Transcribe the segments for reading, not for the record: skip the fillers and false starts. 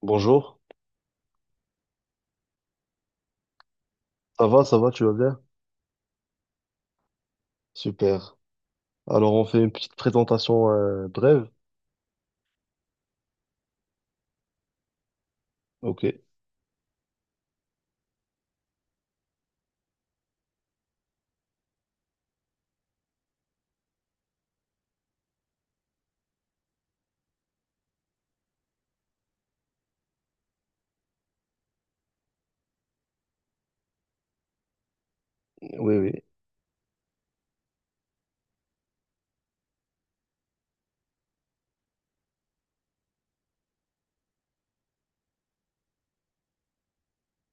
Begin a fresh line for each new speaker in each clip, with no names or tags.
Bonjour, ça va, tu vas bien? Super. Alors on fait une petite présentation brève. Ok, oui, oui,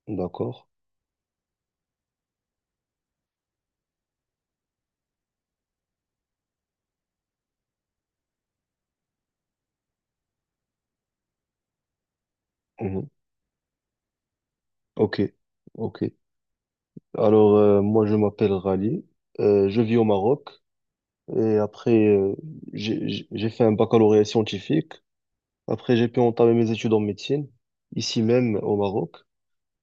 d'accord. Mhm. Ok, ok. Alors moi je m'appelle Rally. Je vis au Maroc et après, j'ai fait un baccalauréat scientifique. Après j'ai pu entamer mes études en médecine ici même au Maroc.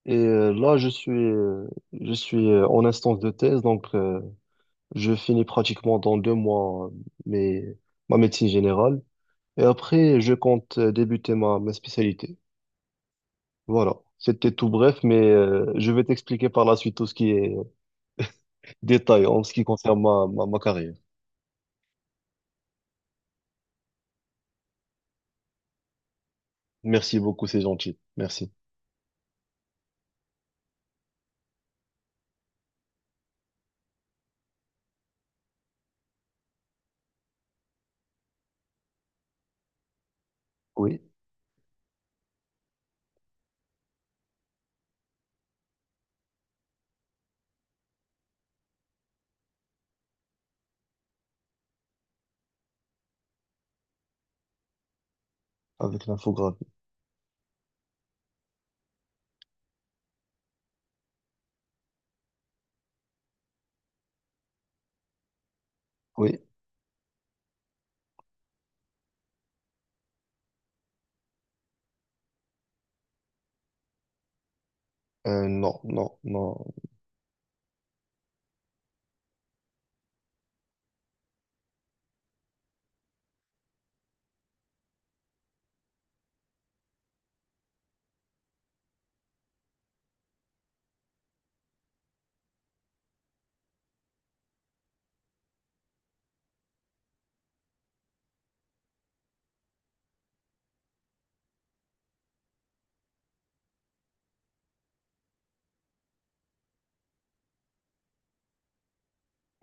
Et là je suis en instance de thèse, donc je finis pratiquement dans 2 mois, mes ma médecine générale. Et après, je compte débuter ma spécialité. Voilà. C'était tout bref, mais je vais t'expliquer par la suite tout ce qui est détail en ce qui concerne ma carrière. Merci beaucoup, c'est gentil. Merci. Oui, avec l'infographie. Oui. Non, non, non.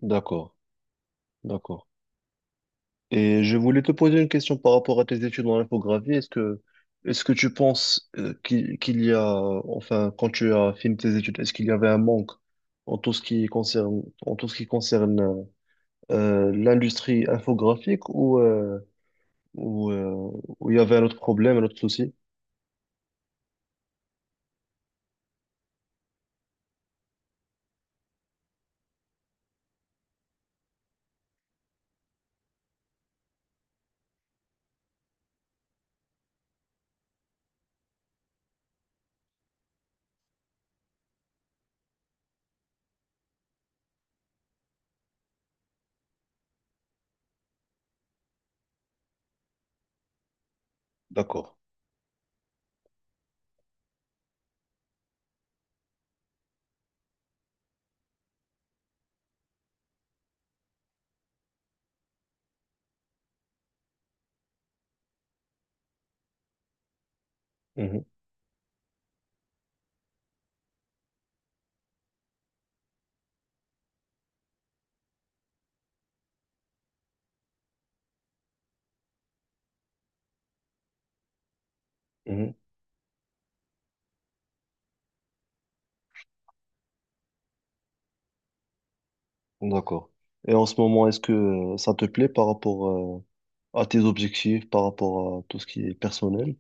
D'accord, d'accord. Et je voulais te poser une question par rapport à tes études en infographie. Est-ce que tu penses, qu'il y a, enfin, quand tu as fini tes études, est-ce qu'il y avait un manque en tout ce qui concerne, l'industrie infographique ou, euh, ou il y avait un autre problème, un autre souci? D'accord. Mhm, mhm, d'accord. Et en ce moment, est-ce que ça te plaît par rapport à tes objectifs, par rapport à tout ce qui est personnel?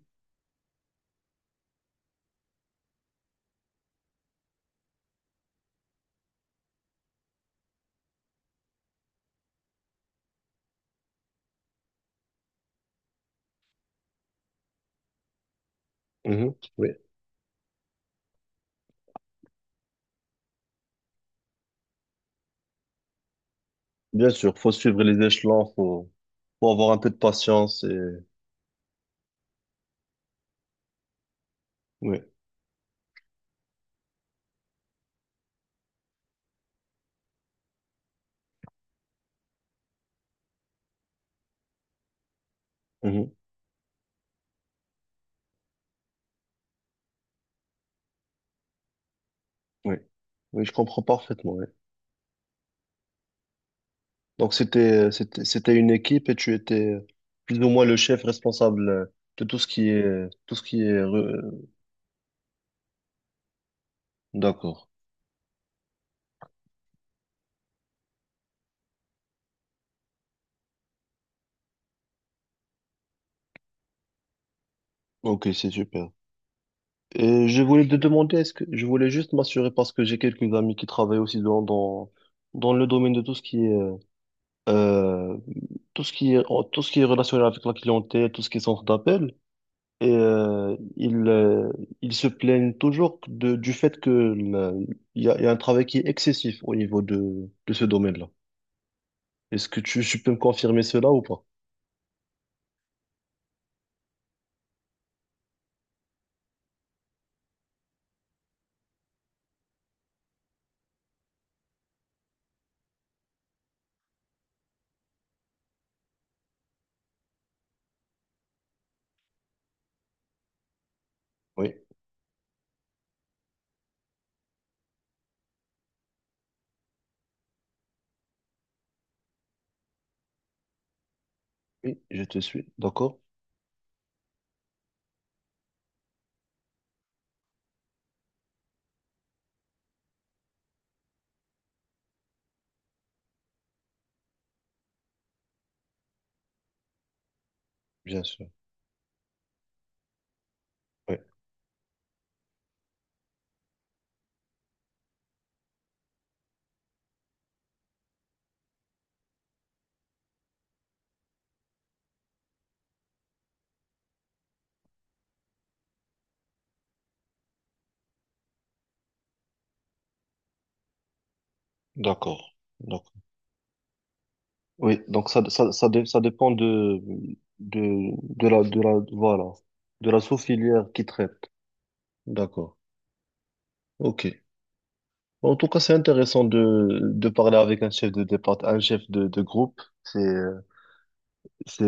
Mhm. Oui. Bien sûr, faut suivre les échelons, faut avoir un peu de patience et oui, mhm, oui, oui, je comprends parfaitement. Oui. Donc c'était une équipe et tu étais plus ou moins le chef responsable, de tout ce qui est. D'accord. Ok, c'est super. Et je voulais te demander, est-ce que je voulais juste m'assurer parce que j'ai quelques amis qui travaillent aussi dans le domaine de euh, tout ce qui est, tout ce qui est relationnel avec la clientèle, tout ce qui est centre d'appel. Et ils se plaignent toujours du fait il y a un travail qui est excessif au niveau de ce domaine-là. Est-ce que tu peux me confirmer cela ou pas? Oui, oui, je te suis. D'accord? Bien sûr. Oui, d'accord. D'accord. Oui, donc ça dépend de, de la, voilà, de la sous-filière qui traite. D'accord. OK. En tout cas, c'est intéressant de parler avec un chef de départ, un chef de groupe. C'est,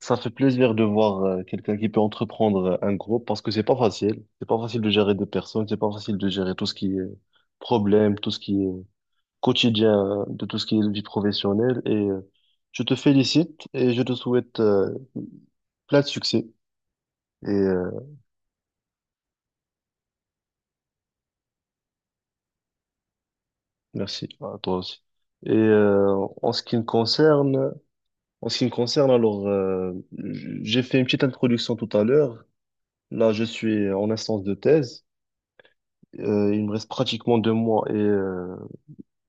ça fait plaisir de voir quelqu'un qui peut entreprendre un groupe parce que c'est pas facile. C'est pas facile de gérer des personnes, c'est pas facile de gérer tout ce qui est problème, tout ce qui est quotidien, de tout ce qui est vie professionnelle. Et je te félicite et je te souhaite plein de succès. Et merci à toi aussi. Et en ce qui me concerne, alors j'ai fait une petite introduction tout à l'heure. Là, je suis en instance de thèse. Il me reste pratiquement 2 mois et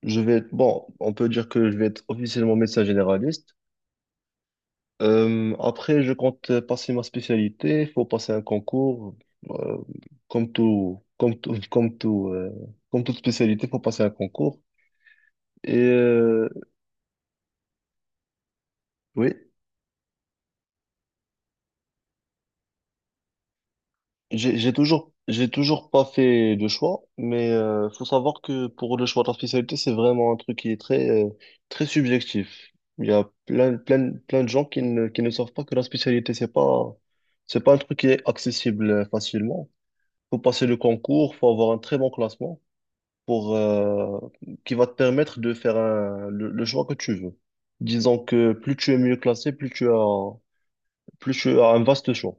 je vais être, bon, on peut dire que je vais être officiellement médecin généraliste. Après, je compte passer ma spécialité. Il faut passer un concours, euh, comme tout, comme tout, comme tout, euh, comme toute spécialité, il faut passer un concours. Et oui. J'ai toujours pas fait de choix, mais faut savoir que pour le choix de la spécialité, c'est vraiment un truc qui est très subjectif. Il y a plein, plein, plein de gens qui ne savent pas que la spécialité, c'est pas un truc qui est accessible facilement. Faut passer le concours, faut avoir un très bon classement pour, qui va te permettre de faire le choix que tu veux. Disons que plus tu es mieux classé, plus tu as un vaste choix.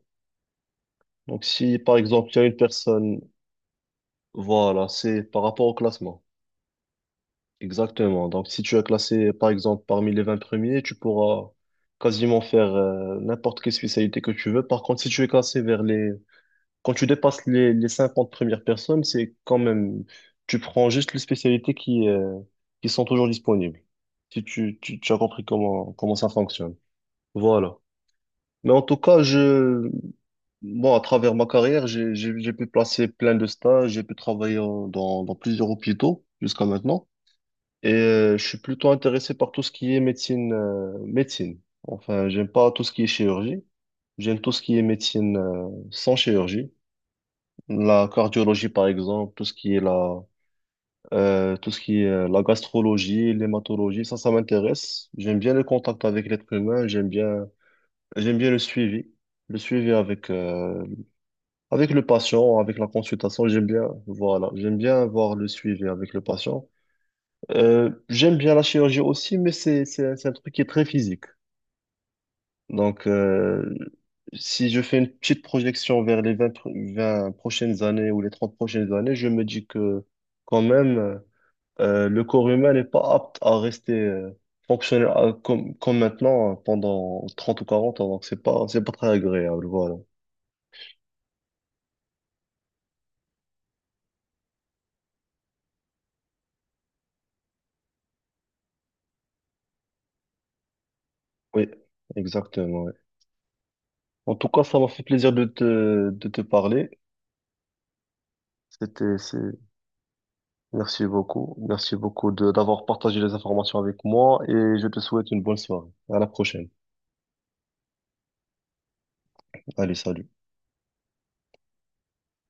Donc si par exemple, il y a une personne. Voilà, c'est par rapport au classement. Exactement. Donc, si tu as classé, par exemple, parmi les 20 premiers, tu pourras quasiment faire n'importe quelle spécialité que tu veux. Par contre, si tu es classé vers les. Quand tu dépasses les 50 premières personnes, c'est quand même. Tu prends juste les spécialités qui sont toujours disponibles. Si tu as compris comment ça fonctionne. Voilà. Mais en tout cas, bon, à travers ma carrière, j'ai pu placer plein de stages, j'ai pu travailler dans plusieurs hôpitaux jusqu'à maintenant. Et je suis plutôt intéressé par tout ce qui est médecine. Enfin, j'aime pas tout ce qui est chirurgie. J'aime tout ce qui est médecine sans chirurgie. La cardiologie, par exemple, tout ce qui est la gastrologie, l'hématologie, ça m'intéresse. J'aime bien le contact avec l'être humain. J'aime bien le suivi avec le patient, avec la consultation. Voilà, j'aime bien avoir le suivi avec le patient. J'aime bien la chirurgie aussi, mais c'est un truc qui est très physique. Donc, si je fais une petite projection vers les 20 prochaines années ou les 30 prochaines années, je me dis que quand même, le corps humain n'est pas apte à rester fonctionnel, comme maintenant, pendant 30 ou 40 ans. Donc, c'est pas très agréable. Voilà. Oui, exactement. Ouais. En tout cas, ça m'a fait plaisir de te parler. C'était, c'est Merci beaucoup. Merci beaucoup de d'avoir partagé les informations avec moi et je te souhaite une bonne soirée. À la prochaine. Allez, salut.